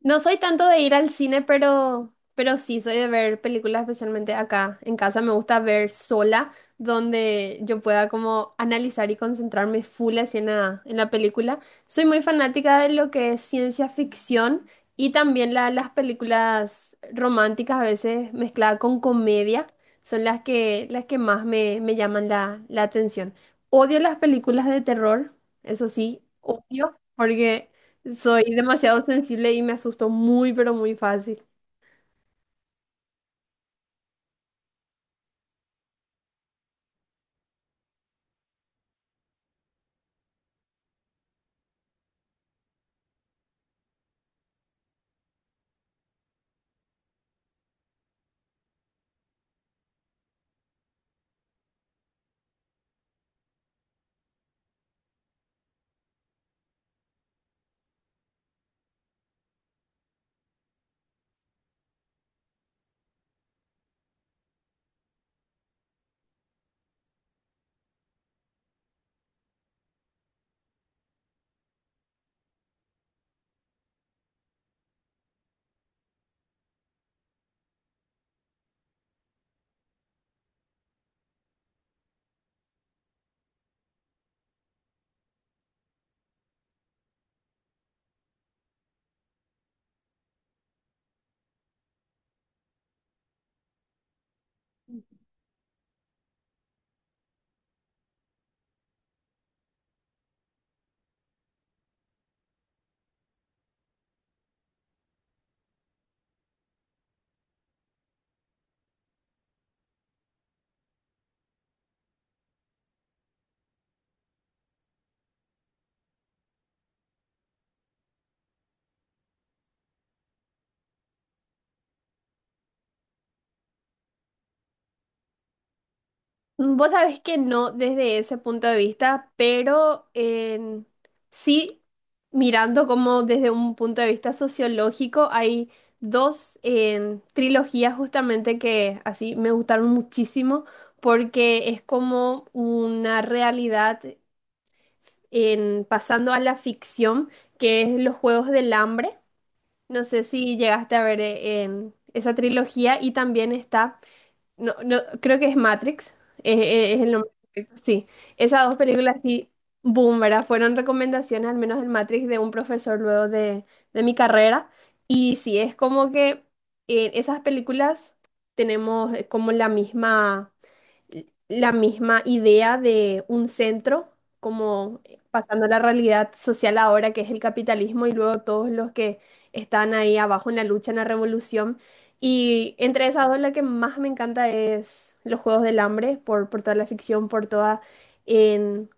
No soy tanto de ir al cine, pero sí soy de ver películas, especialmente acá en casa. Me gusta ver sola, donde yo pueda como analizar y concentrarme full así en en la película. Soy muy fanática de lo que es ciencia ficción y también las películas románticas, a veces mezcladas con comedia, son las que más me llaman la atención. Odio las películas de terror, eso sí, odio, porque... Soy demasiado sensible y me asusto muy, pero muy fácil. Vos sabés que no desde ese punto de vista, pero sí mirando como desde un punto de vista sociológico, hay trilogías justamente que así me gustaron muchísimo porque es como una realidad en pasando a la ficción, que es Los Juegos del Hambre. No sé si llegaste a ver en esa trilogía y también está... No, no, creo que es Matrix, es el nombre correcto, sí. Esas dos películas sí, boom, ¿verdad? Fueron recomendaciones, al menos el Matrix, de un profesor luego de mi carrera. Y sí, es como que en esas películas tenemos como la misma idea de un centro, como pasando a la realidad social ahora, que es el capitalismo, y luego todos los que están ahí abajo en la lucha, en la revolución. Y entre esas dos, la que más me encanta es Los Juegos del Hambre, por toda la ficción, por toda en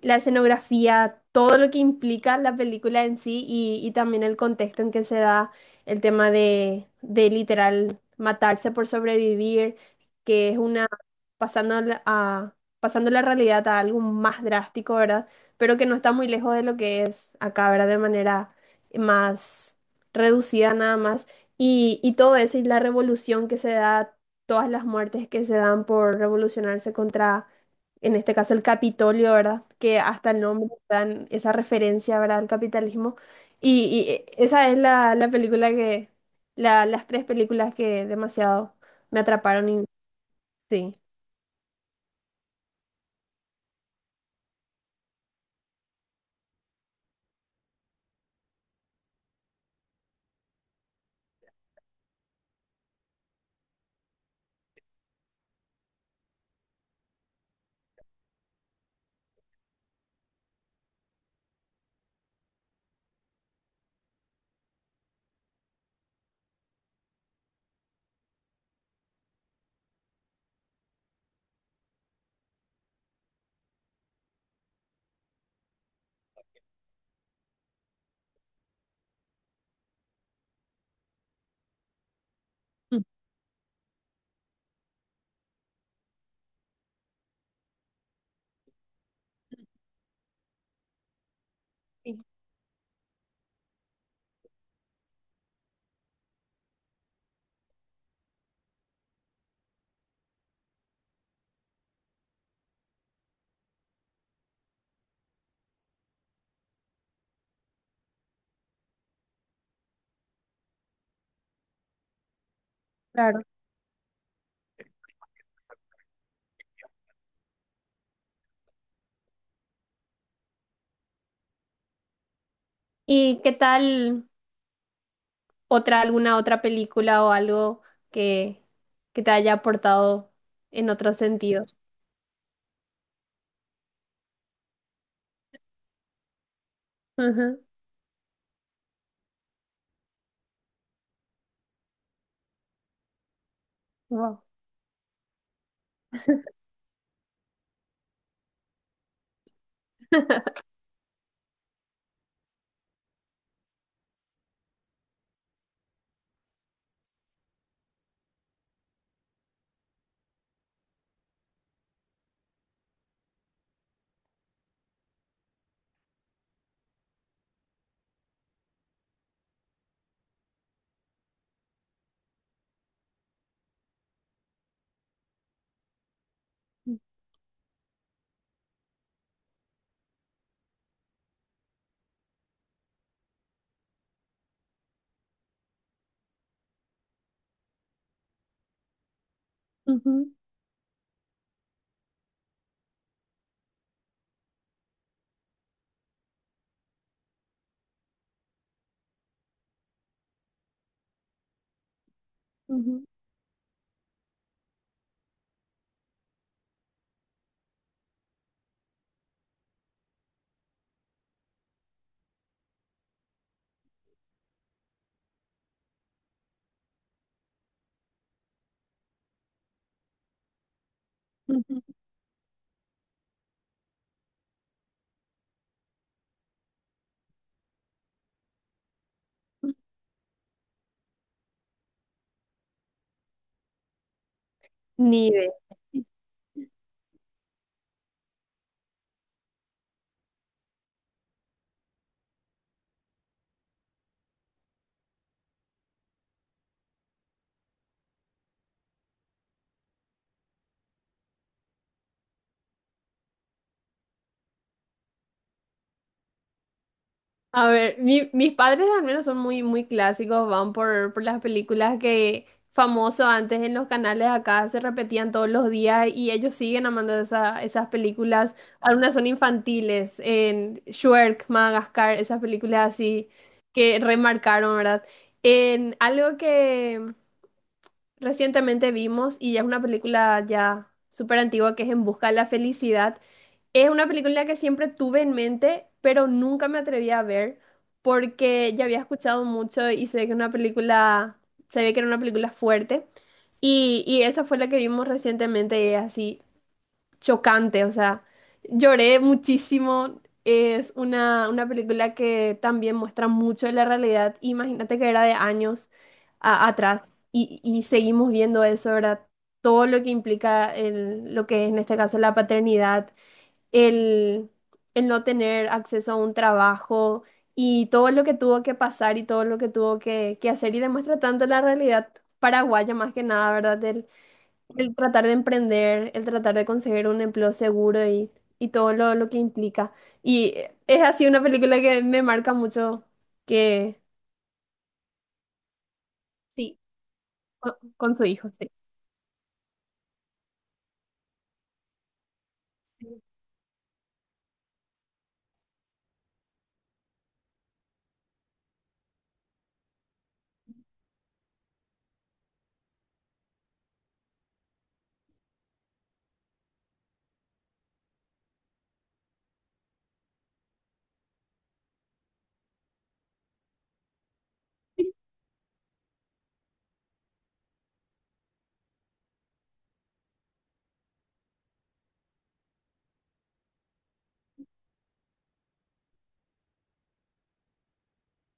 la escenografía, todo lo que implica la película en sí y también el contexto en que se da el tema de literal matarse por sobrevivir, que es una pasando la realidad a algo más drástico, ¿verdad? Pero que no está muy lejos de lo que es acá, ¿verdad? De manera más reducida nada más. Y todo eso y la revolución que se da, todas las muertes que se dan por revolucionarse contra, en este caso, el Capitolio, ¿verdad? Que hasta el nombre dan esa referencia, ¿verdad? Al capitalismo. Y esa es la película las tres películas que demasiado me atraparon y sí. Claro. ¿Y qué tal otra, alguna otra película o algo que, que te haya aportado en otro sentido? Ujú. Wow. Ujú, ujú, ujú. Ujú. Ni idea. A ver, mis padres al menos son muy clásicos, van por las películas que famoso antes en los canales acá se repetían todos los días y ellos siguen amando esas películas. Algunas son infantiles, en Shrek, Madagascar, esas películas así que remarcaron, ¿verdad? En algo que recientemente vimos y ya es una película ya súper antigua que es En Busca de la Felicidad. Es una película que siempre tuve en mente, pero nunca me atreví a ver porque ya había escuchado mucho y sé que una película, se ve que era una película fuerte. Y esa fue la que vimos recientemente y es así chocante, o sea, lloré muchísimo. Es una película que también muestra mucho de la realidad. Imagínate que era de años atrás y seguimos viendo eso, ¿verdad? Todo lo que implica lo que es en este caso la paternidad el, el no tener acceso a un trabajo y todo lo que tuvo que pasar y todo lo que tuvo que hacer y demuestra tanto la realidad paraguaya más que nada, ¿verdad? El tratar de emprender, el tratar de conseguir un empleo seguro y todo lo que implica. Y es así una película que me marca mucho que sí. Con su hijo, sí.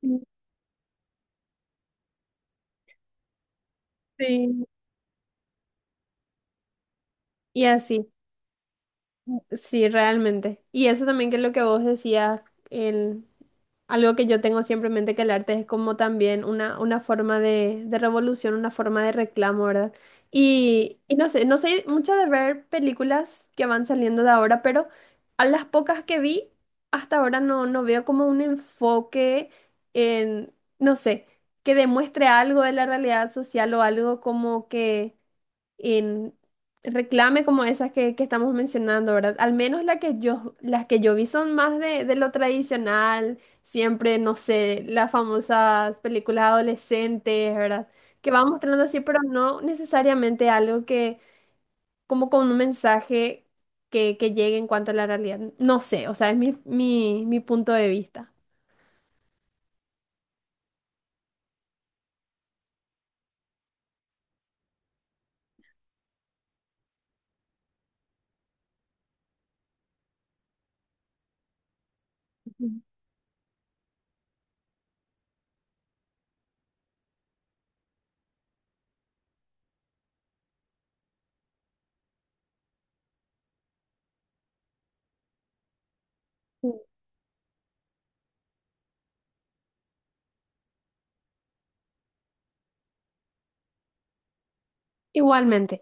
Sí. Sí, y así. Sí, realmente. Y eso también que es lo que vos decías, el, algo que yo tengo siempre en mente que el arte es como también una forma de revolución, una forma de reclamo, ¿verdad? Y no sé, no sé mucho de ver películas que van saliendo de ahora, pero a las pocas que vi, hasta ahora no veo como un enfoque en, no sé, que demuestre algo de la realidad social o algo como que en reclame como esas que estamos mencionando, ¿verdad? Al menos la que yo, las que yo vi son más de lo tradicional, siempre, no sé, las famosas películas adolescentes, ¿verdad? Que van mostrando así, pero no necesariamente algo que, como con un mensaje que llegue en cuanto a la realidad. No sé, o sea, es mi punto de vista. Ujú. Igualmente.